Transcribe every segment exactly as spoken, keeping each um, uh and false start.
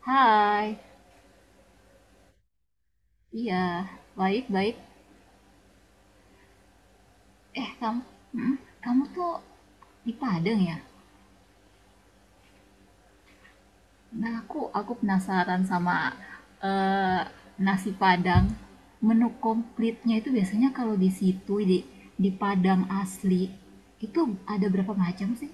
Hai. Iya, baik-baik. Eh, kamu, mm, kamu tuh di Padang ya? Nah, aku aku penasaran sama eh, nasi Padang. Menu komplitnya itu biasanya kalau di situ di di Padang asli itu ada berapa macam sih?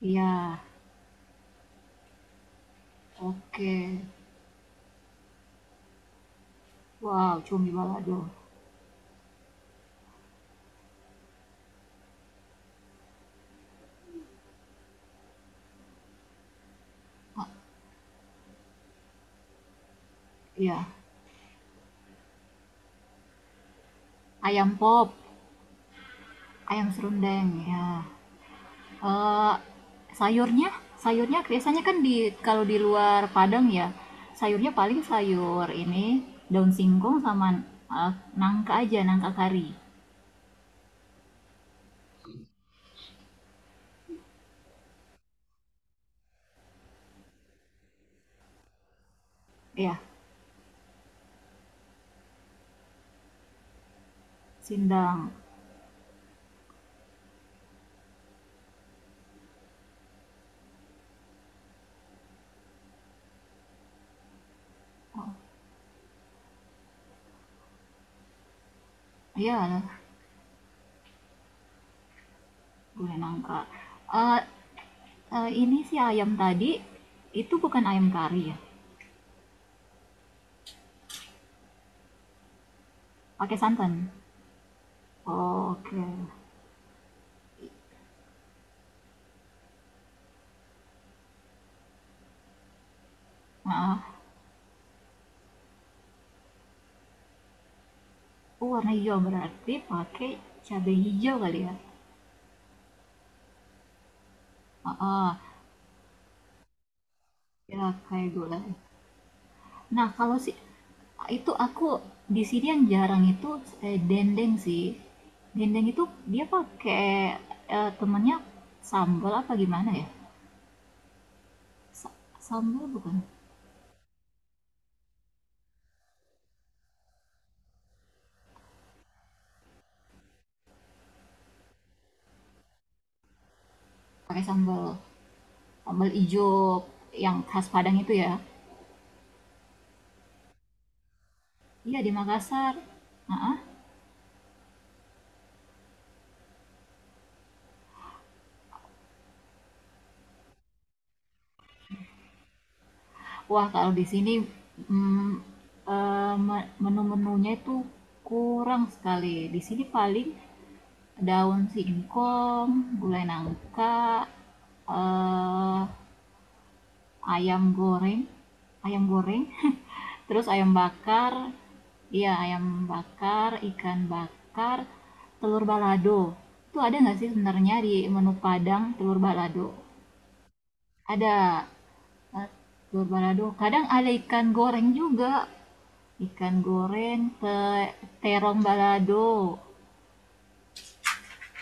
Iya, oke. Wow, cumi balado. Iya, ayam pop, ayam serundeng, ya. Eee, sayurnya sayurnya biasanya kan di kalau di luar Padang ya, sayurnya paling sayur ini, daun singkong sama, eee, nangka aja, nangka kari. Ya, sindang. Ya, gulai nangka. Eee eee, ini si ayam tadi, itu bukan ayam kari ya? Pakai santan? Oh, oke, nah. Oh, warna hijau, berarti pakai cabai hijau kali ya? Ah, ah. Ya, kayak gulai. Nah, kalau si itu aku di sini yang jarang itu eh, dendeng sih. Dendeng itu dia pakai eh, temennya sambal apa gimana ya? Sa- sambal bukan? Pakai sambal, sambal ijo yang khas Padang itu ya. Iya, di Makassar. Ah, ah. Wah, kalau di sini mm, eh, me- menu-menunya itu kurang sekali. Di sini paling daun singkong, gulai nangka, eh, ayam goreng, ayam goreng, terus ayam bakar, iya ayam bakar, ikan bakar, telur balado. Itu ada nggak sih sebenarnya di menu Padang telur balado? Ada eh, telur balado. Kadang ada ikan goreng juga. Ikan goreng, te- terong balado,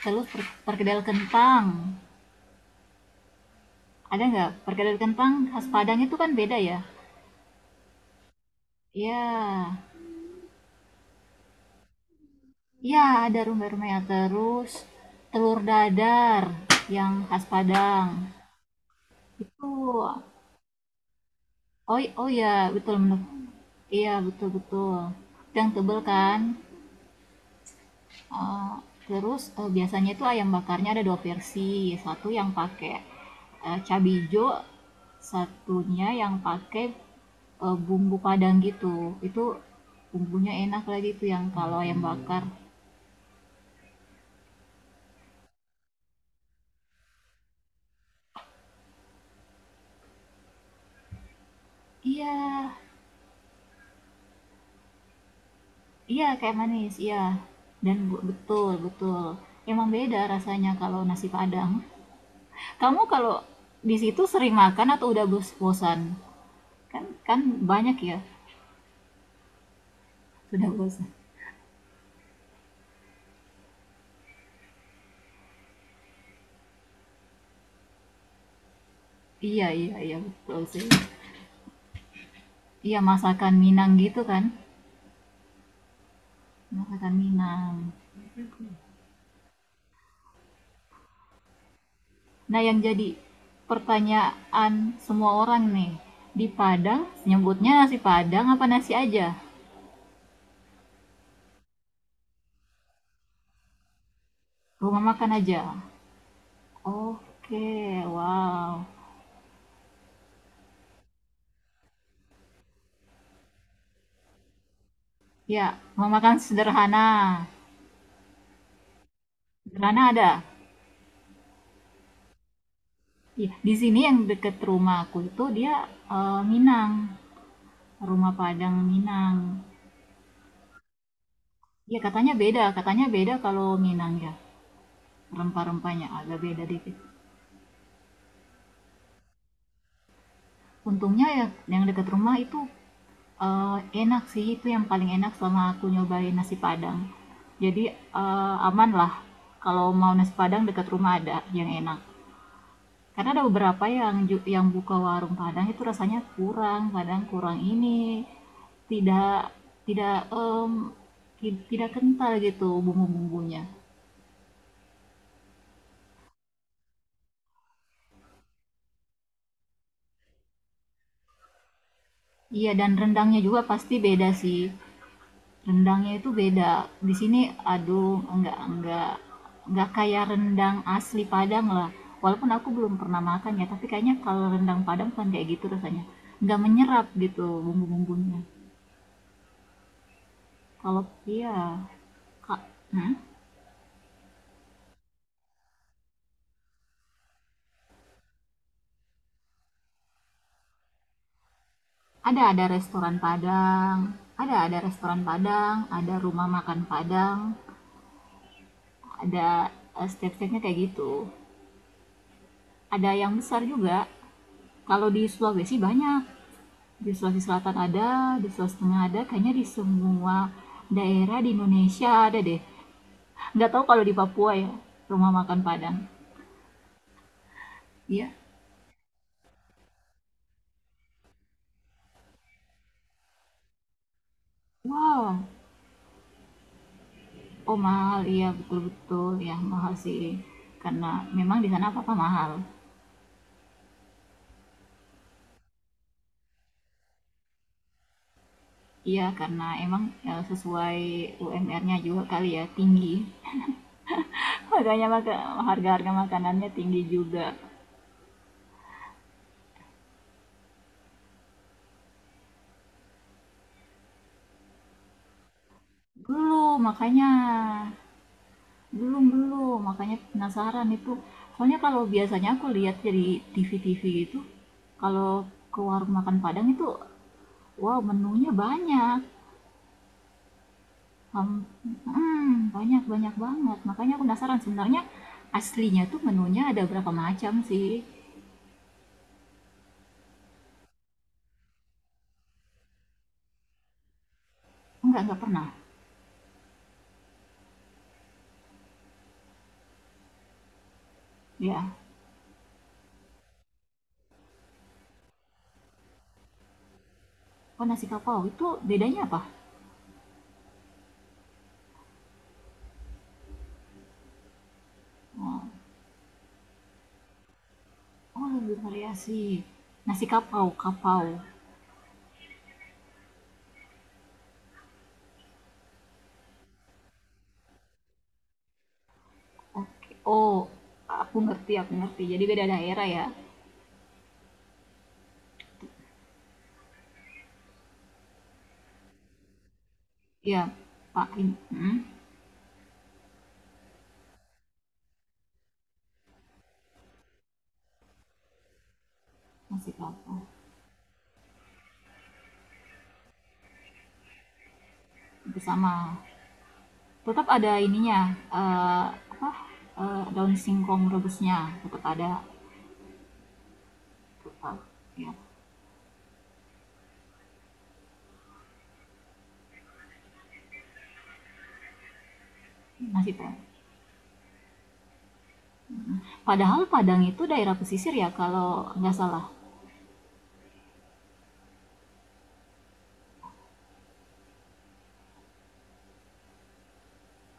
telur perkedel kentang. Ada nggak? Perkedel kentang khas Padang itu kan beda ya? Ya, ya, ada rumah-rumahnya terus telur dadar yang khas Padang itu. Oh, oh ya, betul bener. Iya, betul betul, yang tebel kan. Eee, terus, eee, biasanya itu ayam bakarnya ada dua versi, satu yang pakai, eee, cabe ijo, satunya yang pakai, eee, bumbu padang gitu. Itu bumbunya enak lagi tuh yang kalau ayam bakar. Mhm. Iya iya kayak manis, iya. Dan be betul betul, emang beda rasanya kalau nasi padang. Kamu kalau di situ sering makan atau udah bos bosan? Kan kan banyak ya, sudah bosan. Iya iya iya, betul sih. Iya, masakan Minang gitu kan? Masakan Minang. Nah, yang jadi pertanyaan semua orang nih, di Padang nyebutnya nasi Padang apa nasi aja? Rumah makan aja. Oke, wow. Ya, rumah makan sederhana. Sederhana ada. Iya, di sini yang deket rumah aku itu dia eh, Minang, rumah Padang Minang. Iya, katanya beda, katanya beda kalau Minang ya. Rempah-rempahnya agak beda dikit. Untungnya ya yang dekat rumah itu, eee, enak sih, itu yang paling enak selama aku nyobain nasi Padang. Jadi, uh, aman lah kalau mau nasi Padang dekat rumah ada yang enak. Karena ada beberapa yang ju yang buka warung Padang itu rasanya kurang, kadang kurang ini, tidak tidak, mmm, ti tidak kental gitu bumbu-bumbunya. Iya dan rendangnya juga pasti beda sih. Rendangnya itu beda. Di sini aduh enggak enggak enggak kayak rendang asli Padang lah. Walaupun aku belum pernah makan ya, tapi kayaknya kalau rendang Padang kan kayak gitu rasanya. Enggak menyerap gitu bumbu-bumbunya. Kalau iya, Kak, hmm? Ada ada restoran Padang, ada ada restoran Padang, ada rumah makan Padang, ada eh, step-stepnya kayak gitu. Ada yang besar juga. Kalau di Sulawesi banyak. Di Sulawesi Selatan ada, di Sulawesi Tengah ada, kayaknya di semua daerah di Indonesia ada deh. Nggak tahu kalau di Papua ya, rumah makan Padang. Iya. Wow, oh mahal, iya betul-betul, ya mahal sih. Karena memang di sana apa-apa mahal. Iya, karena emang ya, sesuai U M R-nya juga kali ya, tinggi. Makanya maka, harga-harga makanannya tinggi juga. Dulu, makanya. Belum belum, makanya penasaran itu. Soalnya kalau biasanya aku lihat dari T V-T V gitu, kalau ke warung makan Padang itu, wow menunya banyak. Ham- mm, banyak banyak banget. Makanya aku penasaran sebenarnya aslinya tuh menunya ada berapa macam sih? Enggak enggak pernah. Ya. Oh, nasi kapau itu bedanya apa? Oh, oh lebih variasi. Nasi kapau, kapau. Oke. Oh, aku ngerti, aku ngerti. Jadi beda daerah ya. Iya, Pak in mhm, nasi kelapa bersama. Tetap ada ininya, eee, apa, eee, daun singkong rebusnya, tetap ada, tetap, iya, nasi padang padahal Padang itu daerah pesisir ya kalau nggak salah?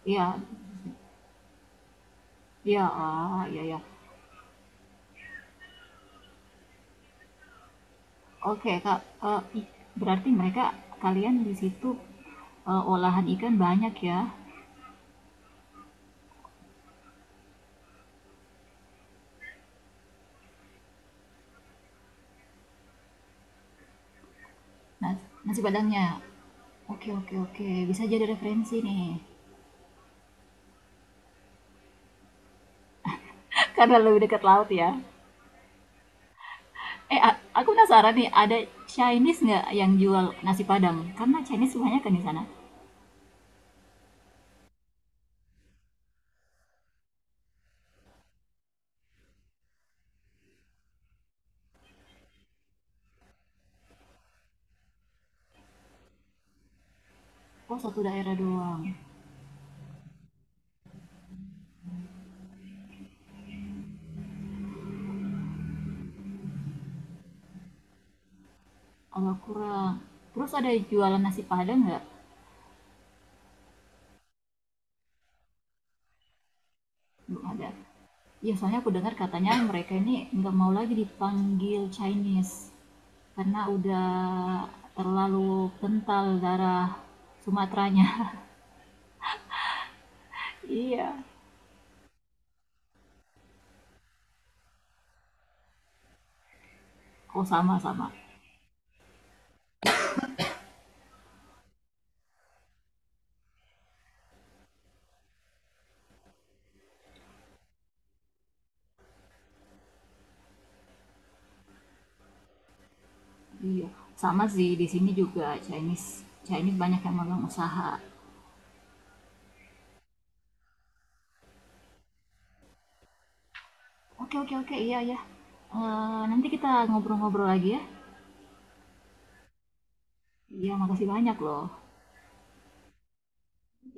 Iya, iya, ah iya ya. Oke, Kak, eee, i berarti mereka kalian di situ, eee, olahan ikan banyak ya? Nas nasi Padangnya? Oke oke oke, bisa jadi referensi nih, karena lebih dekat laut ya. Eh, a- aku penasaran nih, ada Chinese nggak yang jual nasi Padang? Karena Chinese banyak kan di sana. Oh, satu daerah doang. Agak kurang. Terus ada jualan nasi Padang nggak? Belum ada. Iya, soalnya aku dengar katanya mereka ini nggak mau lagi dipanggil Chinese. Karena udah terlalu kental darah Sumateranya. Iya. Oh, sama-sama. Iya. Sama sih, di sini juga Chinese. Chinese banyak yang megang usaha. Oke oke oke iya iya. Eh, nanti kita ngobrol-ngobrol lagi ya. Iya makasih banyak loh.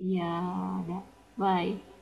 Iya, ada. Bye.